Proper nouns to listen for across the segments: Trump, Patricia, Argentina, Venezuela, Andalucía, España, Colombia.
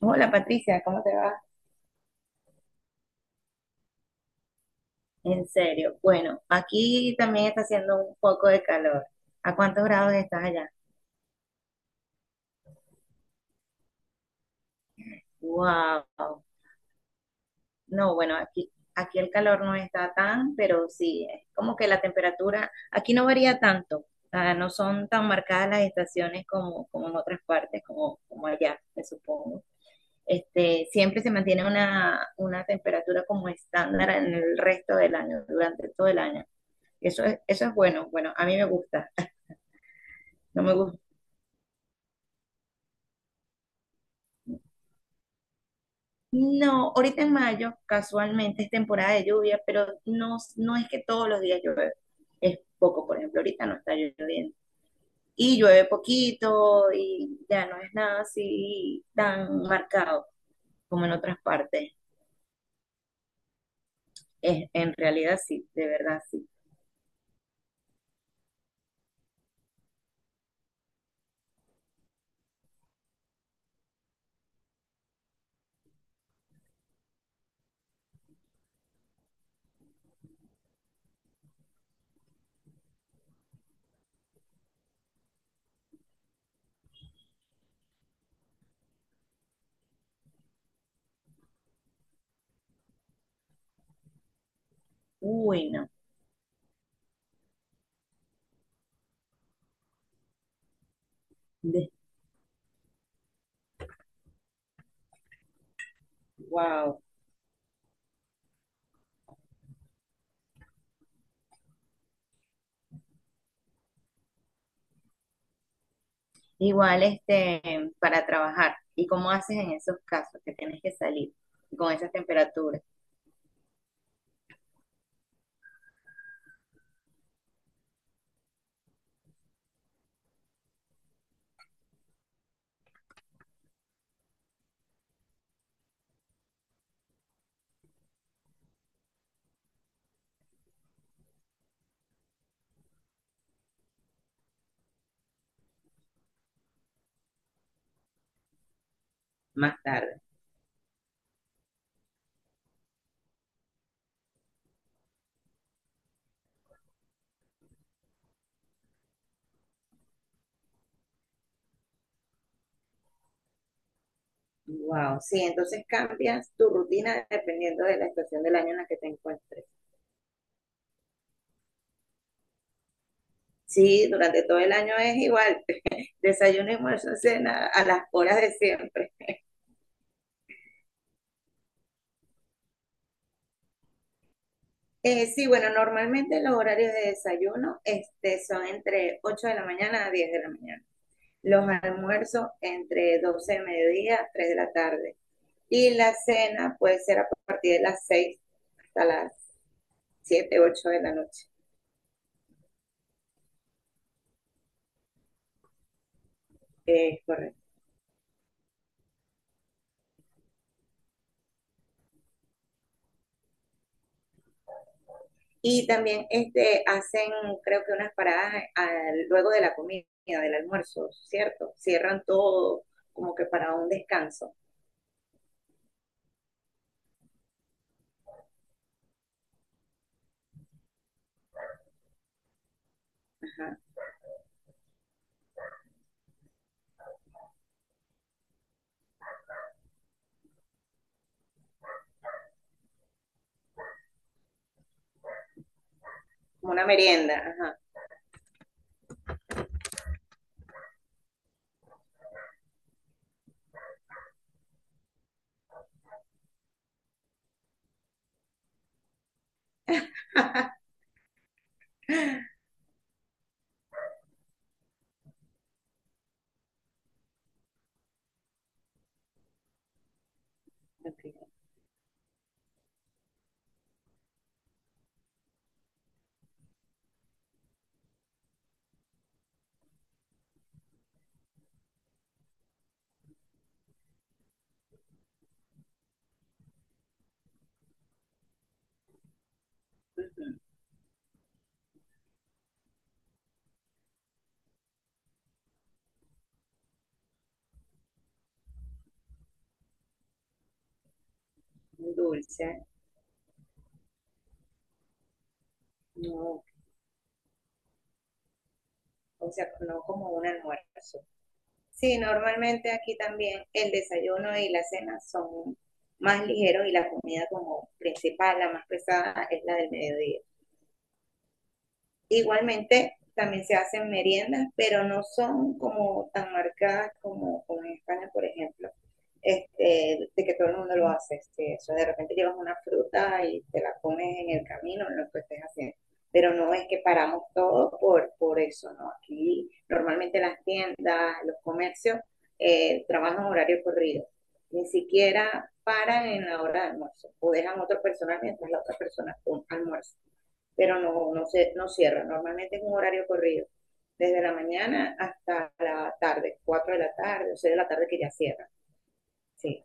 Hola Patricia, ¿cómo te va? En serio, bueno, aquí también está haciendo un poco de calor. ¿A cuántos grados estás allá? Wow. No, bueno, aquí el calor no está tan, pero sí, es como que la temperatura aquí no varía tanto. Ah, no son tan marcadas las estaciones como en otras partes, como allá, me supongo. Siempre se mantiene una temperatura como estándar en el resto del año, durante todo el año. Eso es bueno, bueno, a mí me gusta. No me gusta. No, ahorita en mayo, casualmente es temporada de lluvia, pero no es que todos los días llueve. Es poco, por ejemplo, ahorita no está lloviendo. Y llueve poquito y ya no es nada así tan marcado como en otras partes. Es, en realidad sí, de verdad sí. Uy, no. De- wow. Igual para trabajar. ¿Y cómo haces en esos casos que tienes que salir con esas temperaturas más tarde? Wow, sí, entonces cambias tu rutina dependiendo de la estación del año en la que te encuentres. Sí, durante todo el año es igual, desayuno, almuerzo, cena a las horas de siempre. Sí, bueno, normalmente los horarios de desayuno son entre 8 de la mañana a 10 de la mañana. Los almuerzos entre 12 de mediodía a 3 de la tarde. Y la cena puede ser a partir de las 6 hasta las 7, 8 de la noche. Es correcto. Y también creo que unas paradas luego de la comida, del almuerzo, ¿cierto? Cierran todo como que para un descanso, ajá, como una merienda, ajá. Ok, ujú, un dulce, no, o sea, no como un almuerzo. Sí, normalmente aquí también el desayuno y la cena son más ligeros y la comida como principal, la más pesada, es la del mediodía. Igualmente, también se hacen meriendas, pero no son como tan marcadas como, como en España, por ejemplo, de que todo el mundo lo hace. Eso de repente llevas una fruta y te la comes en el camino, en lo que estés haciendo. Pero no es que paramos todo por eso, ¿no? Aquí normalmente las tiendas, los comercios trabajan horario corrido. Ni siquiera paran en la hora de almuerzo o dejan a otra persona mientras la otra persona almuerza, pero no cierra. Normalmente es un horario corrido, desde la mañana hasta la tarde, 4 de la tarde o 6 de la tarde que ya cierra. Sí,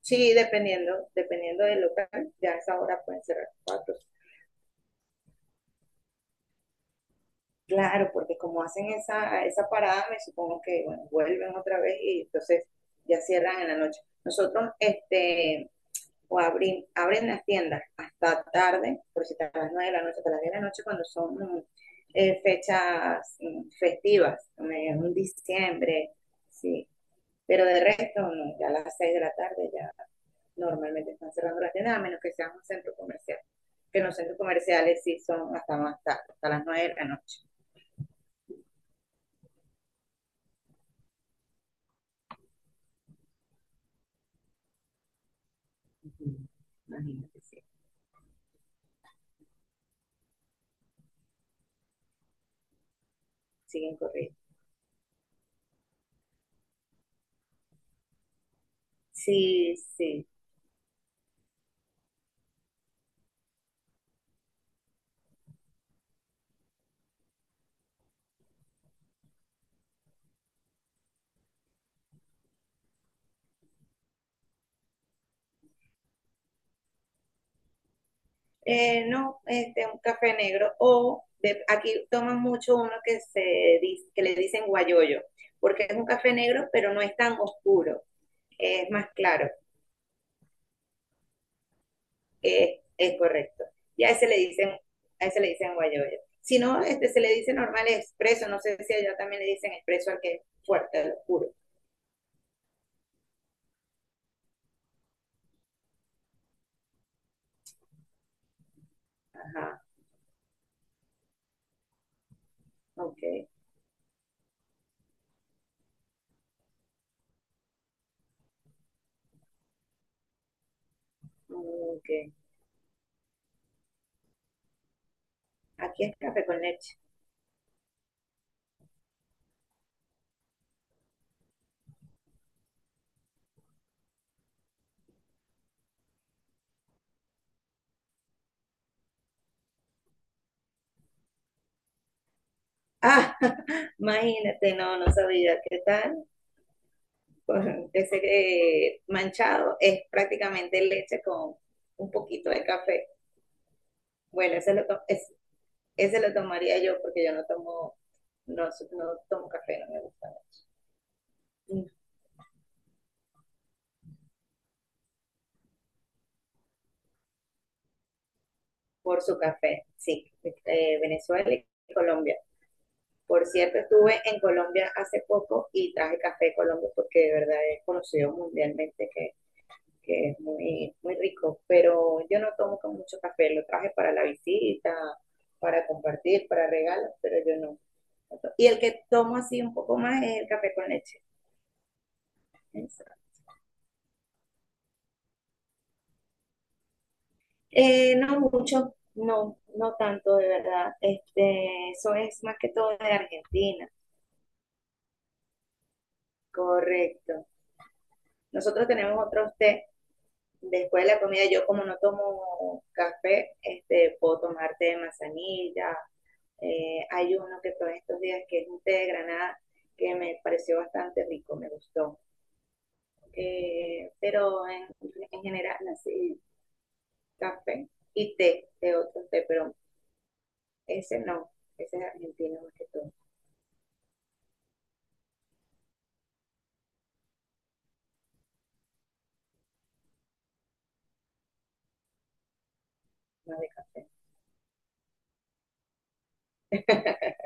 sí, dependiendo del local, ya a esa hora pueden cerrar cuatro. Claro, porque como hacen esa parada, me supongo que bueno, vuelven otra vez y entonces ya cierran en la noche. Nosotros abren las tiendas hasta tarde, por si hasta las 9 de la noche, hasta las 10 de la noche, cuando son fechas festivas, en diciembre, sí. Pero de resto, no, ya a las 6 de la tarde ya normalmente están cerrando las tiendas, a menos que sea un centro comercial. Que en los centros comerciales sí son hasta más tarde, hasta las 9 de la noche. Uh-huh. Imagínate, sí, siguen corriendo. Sí, sí, no, un café negro. Aquí toman mucho uno que le dicen guayoyo, porque es un café negro, pero no es tan oscuro, es más claro, es correcto. Y a ese le dicen, a ese le dicen guayoyo. Si no, se le dice normal expreso, no sé si allá también le dicen expreso al que es fuerte, al oscuro. Ajá, ok, ok. Aquí es café con leche. Ah, imagínate, no, no sabía. ¿Qué tal? Correcto. Ese manchado es prácticamente leche con un poquito de café. Bueno, ese lo tomaría yo porque yo no tomo, no, su- no tomo café, no me gusta. Mm, por su café, sí, Venezuela y Colombia. Por cierto, estuve en Colombia hace poco y traje café de Colombia porque de verdad es conocido mundialmente que es muy rico, pero yo no tomo con mucho café, lo traje para la visita, para compartir, para regalos, pero yo no. Y el que tomo así un poco más es el café con leche. No mucho, no, no tanto, de verdad. Eso es más que todo de Argentina, correcto. Nosotros tenemos otros té. Después de la comida, yo como no tomo café, puedo tomar té de manzanilla. Hay uno que todos estos días que es un té de granada que me pareció bastante rico, me gustó. Eh, pero en, en general, así, café y té de otro té, pero ese no, ese es argentino más que todo, más de café.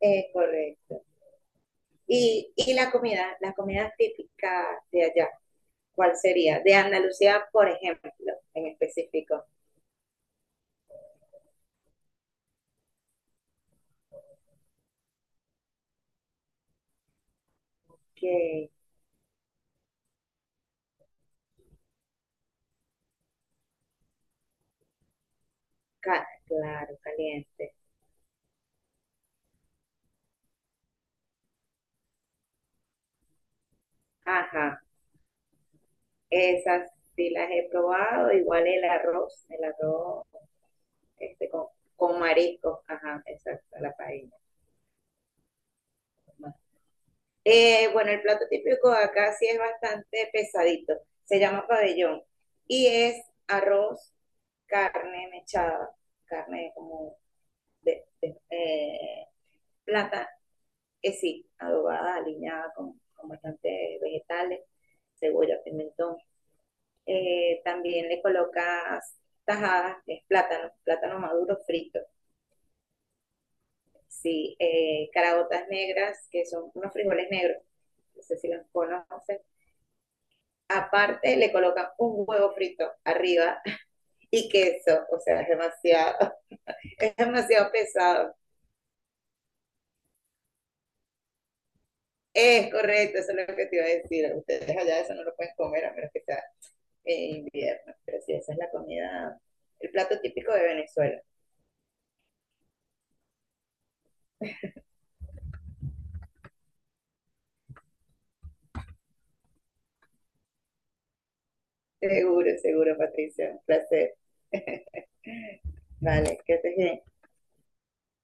Correcto. Y la comida típica de allá, ¿cuál sería? De Andalucía, por ejemplo, en específico, que claro, caliente. Ajá, esas sí las he probado, igual el arroz este, con, con mariscos, ajá, exacto, la paella. ¿No? Bueno, el plato típico acá sí es bastante pesadito. Se llama pabellón y es arroz, carne mechada, carne como de, de- eh, plata, sí, adobada, aliñada con bastantes vegetales, cebolla, pimentón. También le colocas tajadas, que es plátano, plátano maduro frito. Sí, caraotas negras, que son unos frijoles negros. No sé si los conoces. Aparte le colocan un huevo frito arriba y queso, o sea, es demasiado, es demasiado pesado. Es correcto, eso es lo que te iba a decir. Ustedes allá eso no lo pueden comer a menos que sea en invierno, pero sí, esa es la comida, el plato típico de Venezuela. Seguro, seguro, Patricia, un placer. Vale, que estés bien.